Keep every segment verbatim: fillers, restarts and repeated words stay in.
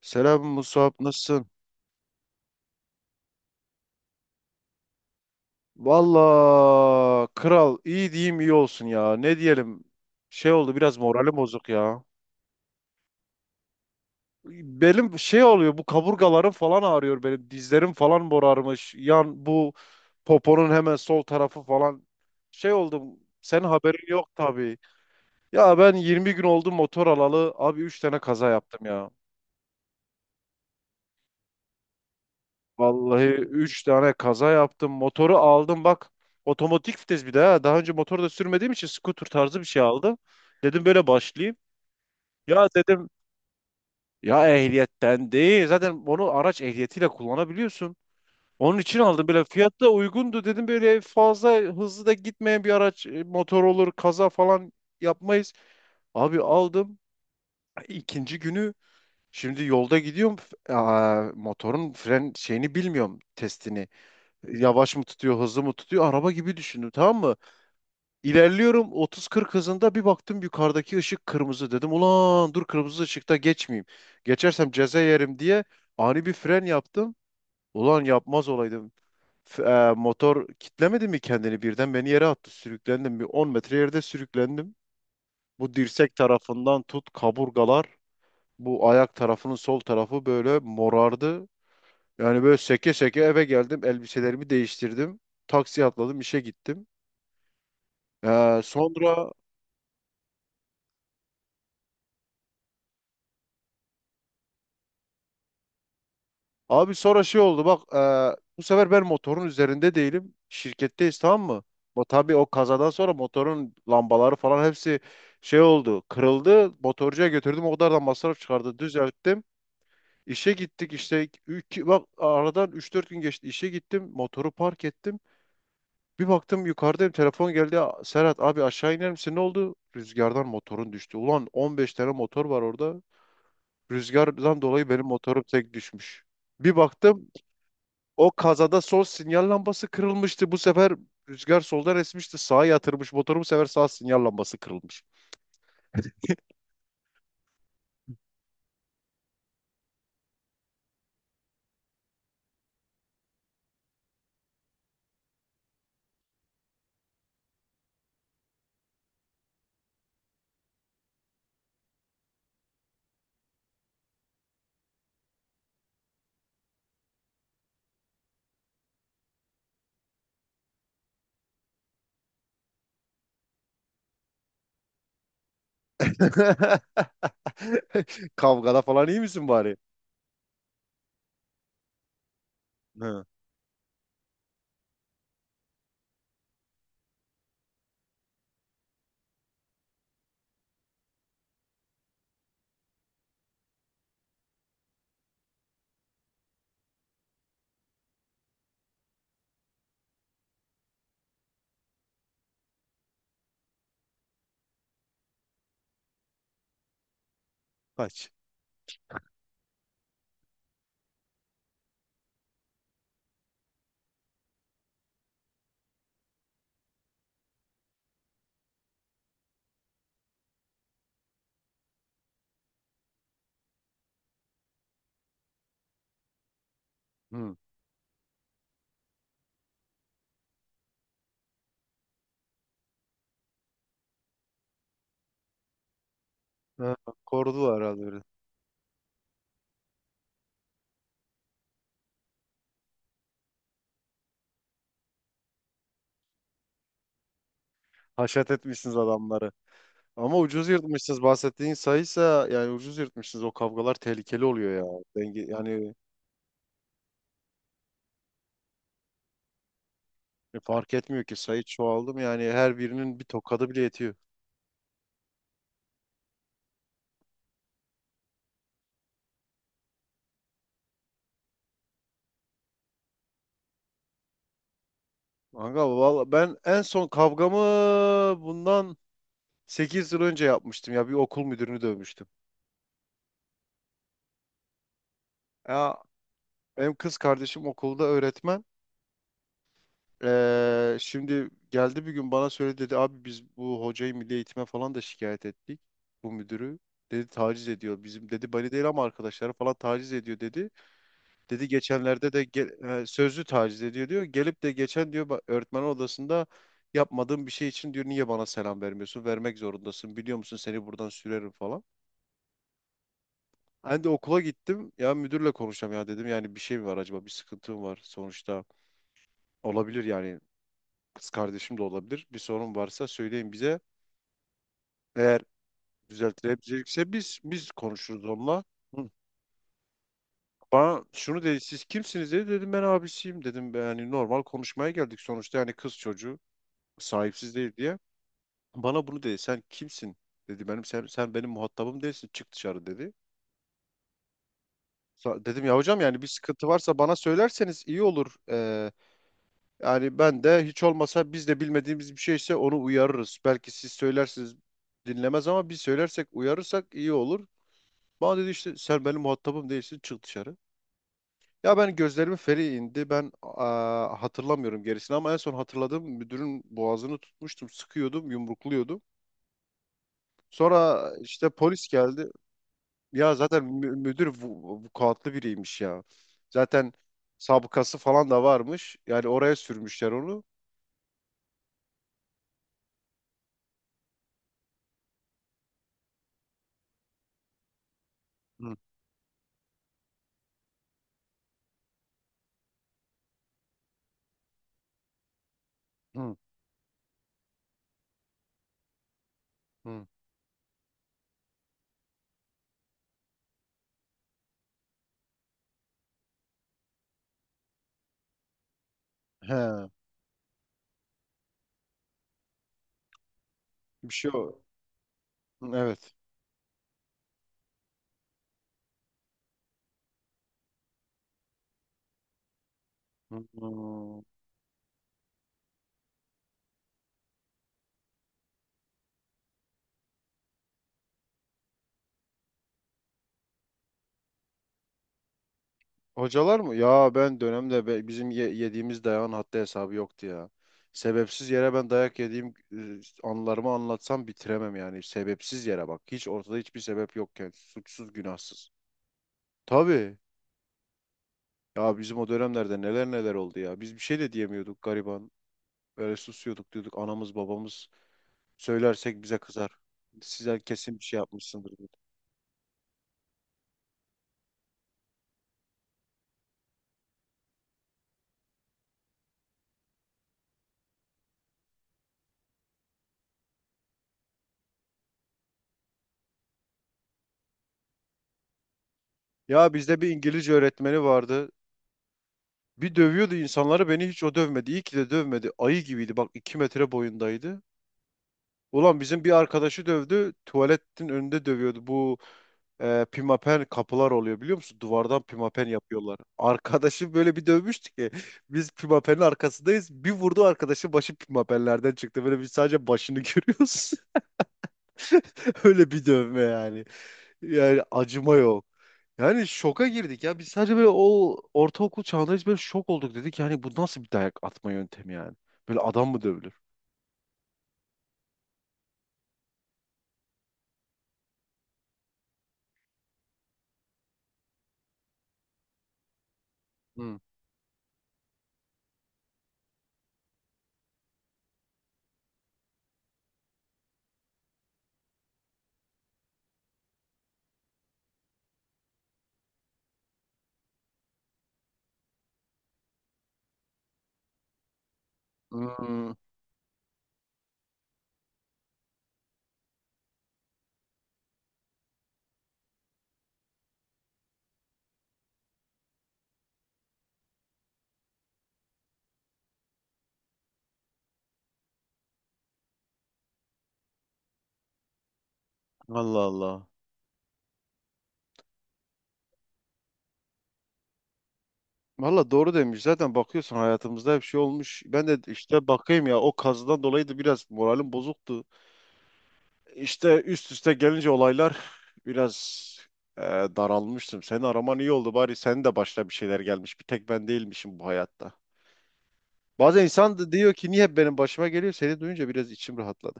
Selam Musab nasılsın? Valla kral iyi diyeyim iyi olsun ya. Ne diyelim? Şey oldu biraz moralim bozuk ya. Benim şey oluyor bu kaburgalarım falan ağrıyor benim. Dizlerim falan morarmış. Yan bu poponun hemen sol tarafı falan. Şey oldum. Senin haberin yok tabii. Ya ben yirmi gün oldu motor alalı. Abi üç tane kaza yaptım ya. Vallahi üç tane kaza yaptım. Motoru aldım bak. Otomatik vites bir de ha. Daha önce motor da sürmediğim için scooter tarzı bir şey aldım. Dedim böyle başlayayım. Ya dedim ya ehliyetten değil. Zaten onu araç ehliyetiyle kullanabiliyorsun. Onun için aldım böyle fiyat da uygundu dedim böyle fazla hızlı da gitmeyen bir araç e, motor olur kaza falan yapmayız. Abi aldım İkinci günü şimdi yolda gidiyorum F- aa, motorun fren şeyini bilmiyorum testini. Yavaş mı tutuyor, hızlı mı tutuyor? Araba gibi düşündüm tamam mı? İlerliyorum otuz kırk hızında bir baktım yukarıdaki ışık kırmızı. Dedim ulan dur kırmızı ışıkta geçmeyeyim. Geçersem ceza yerim diye ani bir fren yaptım. Ulan yapmaz olaydım. F- e, motor kitlemedi mi kendini birden beni yere attı. Sürüklendim bir on metre yerde sürüklendim. Bu dirsek tarafından tut kaburgalar. Bu ayak tarafının sol tarafı böyle morardı. Yani böyle seke seke eve geldim. Elbiselerimi değiştirdim. Taksiye atladım işe gittim. Ee, sonra Abi sonra şey oldu bak e, bu sefer ben motorun üzerinde değilim. Şirketteyiz tamam mı? Ama tabii o kazadan sonra motorun lambaları falan hepsi şey oldu. Kırıldı. Motorcuya götürdüm. O kadar da masraf çıkardı. Düzelttim. İşe gittik işte iki, bak aradan üç dört gün geçti. İşe gittim. Motoru park ettim. Bir baktım yukarıdayım. Telefon geldi. "Ya, Serhat abi aşağı iner misin? Ne oldu? Rüzgardan motorun düştü. Ulan on beş tane motor var orada. Rüzgardan dolayı benim motorum tek düşmüş. Bir baktım o kazada sol sinyal lambası kırılmıştı. Bu sefer rüzgar soldan esmişti. Sağa yatırmış motoru bu sefer sağ sinyal lambası kırılmış. Kavgada falan iyi misin bari? Hı, kaç. Hı. Ha, kordular herhalde böyle. Haşat etmişsiniz adamları. Ama ucuz yırtmışsınız. Bahsettiğin sayıysa yani ucuz yırtmışsınız. O kavgalar tehlikeli oluyor ya. Denge, yani E, fark etmiyor ki sayı çoğaldım yani her birinin bir tokadı bile yetiyor. Kanka valla ben en son kavgamı bundan sekiz yıl önce yapmıştım ya bir okul müdürünü dövmüştüm. Ya benim kız kardeşim okulda öğretmen. Ee, şimdi geldi bir gün bana söyledi dedi abi biz bu hocayı milli eğitime falan da şikayet ettik bu müdürü. Dedi taciz ediyor bizim dedi bani değil ama arkadaşları falan taciz ediyor dedi. Dedi geçenlerde de ge- e, sözlü taciz ediyor diyor. Gelip de geçen diyor ba- öğretmen odasında yapmadığım bir şey için diyor niye bana selam vermiyorsun? Vermek zorundasın. Biliyor musun seni buradan sürerim falan. Ben de okula gittim. Ya müdürle konuşacağım ya dedim. Yani bir şey mi var acaba? Bir sıkıntı mı var? Sonuçta olabilir yani. Kız kardeşim de olabilir. Bir sorun varsa söyleyin bize. Eğer düzeltilebilecekse biz biz konuşuruz onunla. Hı. Bana şunu dedi siz kimsiniz dedi dedim ben abisiyim dedim yani normal konuşmaya geldik sonuçta yani kız çocuğu sahipsiz değil diye. Bana bunu dedi. Sen kimsin? Dedi benim sen, sen benim muhatabım değilsin. Çık dışarı dedi. Sa- Dedim ya hocam yani bir sıkıntı varsa bana söylerseniz iyi olur. Ee, yani ben de hiç olmasa biz de bilmediğimiz bir şeyse onu uyarırız. Belki siz söylersiniz dinlemez ama biz söylersek uyarırsak iyi olur. Bana dedi işte sen benim muhatabım değilsin çık dışarı. Ya ben gözlerimin feri indi. Ben aa, hatırlamıyorum gerisini ama en son hatırladığım müdürün boğazını tutmuştum. Sıkıyordum, yumrukluyordum. Sonra işte polis geldi. Ya zaten mü- müdür vu- vukuatlı biriymiş ya. Zaten sabıkası falan da varmış. Yani oraya sürmüşler onu. Hı hı hı. He, bir şey o. Evet. Hmm. Hocalar mı? Ya ben dönemde be- bizim ye- yediğimiz dayağın haddi hesabı yoktu ya. Sebepsiz yere ben dayak yediğim e, anılarımı anlatsam bitiremem yani. Sebepsiz yere bak. Hiç ortada hiçbir sebep yokken. Suçsuz, günahsız. Tabii. Ya bizim o dönemlerde neler neler oldu ya. Biz bir şey de diyemiyorduk gariban. Böyle susuyorduk diyorduk anamız babamız söylersek bize kızar. Size kesin bir şey yapmışsındır dedi. Ya bizde bir İngilizce öğretmeni vardı. Bir dövüyordu insanları beni hiç o dövmedi. İyi ki de dövmedi. Ayı gibiydi bak iki metre boyundaydı. Ulan bizim bir arkadaşı dövdü. Tuvaletin önünde dövüyordu. Bu e, pimapen kapılar oluyor biliyor musun? Duvardan pimapen yapıyorlar. Arkadaşı böyle bir dövmüştü ki biz pimapenin arkasındayız. Bir vurdu arkadaşın başı pimapenlerden çıktı. Böyle biz sadece başını görüyoruz. Öyle bir dövme yani. Yani acıma yok. Yani şoka girdik ya. Biz sadece böyle o ortaokul çağında biz böyle şok olduk dedik. Yani bu nasıl bir dayak atma yöntemi yani? Böyle adam mı dövülür? Hmm. Hmm. Allah Allah. Valla doğru demiş. Zaten bakıyorsun hayatımızda hep şey olmuş. Ben de işte bakayım ya o kazıdan dolayı da biraz moralim bozuktu. İşte üst üste gelince olaylar biraz e, daralmıştım. Seni araman iyi oldu bari. Senin de başına bir şeyler gelmiş. Bir tek ben değilmişim bu hayatta. Bazen insan da diyor ki niye hep benim başıma geliyor? Seni duyunca biraz içim rahatladı.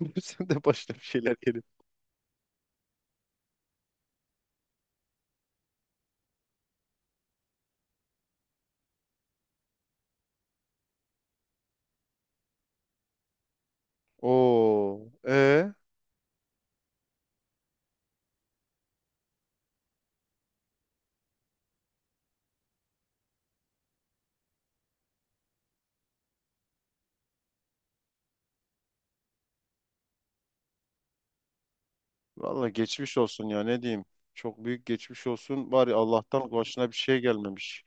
Sen de başına bir şeyler gelip. Oo, e Valla geçmiş olsun ya ne diyeyim. Çok büyük geçmiş olsun. Bari Allah'tan başına bir şey gelmemiş.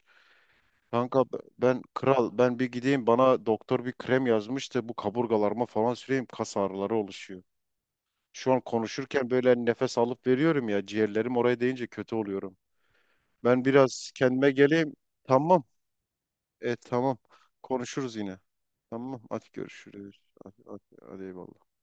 Kanka b- ben kral ben bir gideyim bana doktor bir krem yazmıştı bu kaburgalarıma falan süreyim kas ağrıları oluşuyor. Şu an konuşurken böyle nefes alıp veriyorum ya ciğerlerim oraya değince kötü oluyorum. Ben biraz kendime geleyim. Tamam. E tamam. Konuşuruz yine. Tamam. At görüşürüz. Hadi, hadi, hadi eyvallah.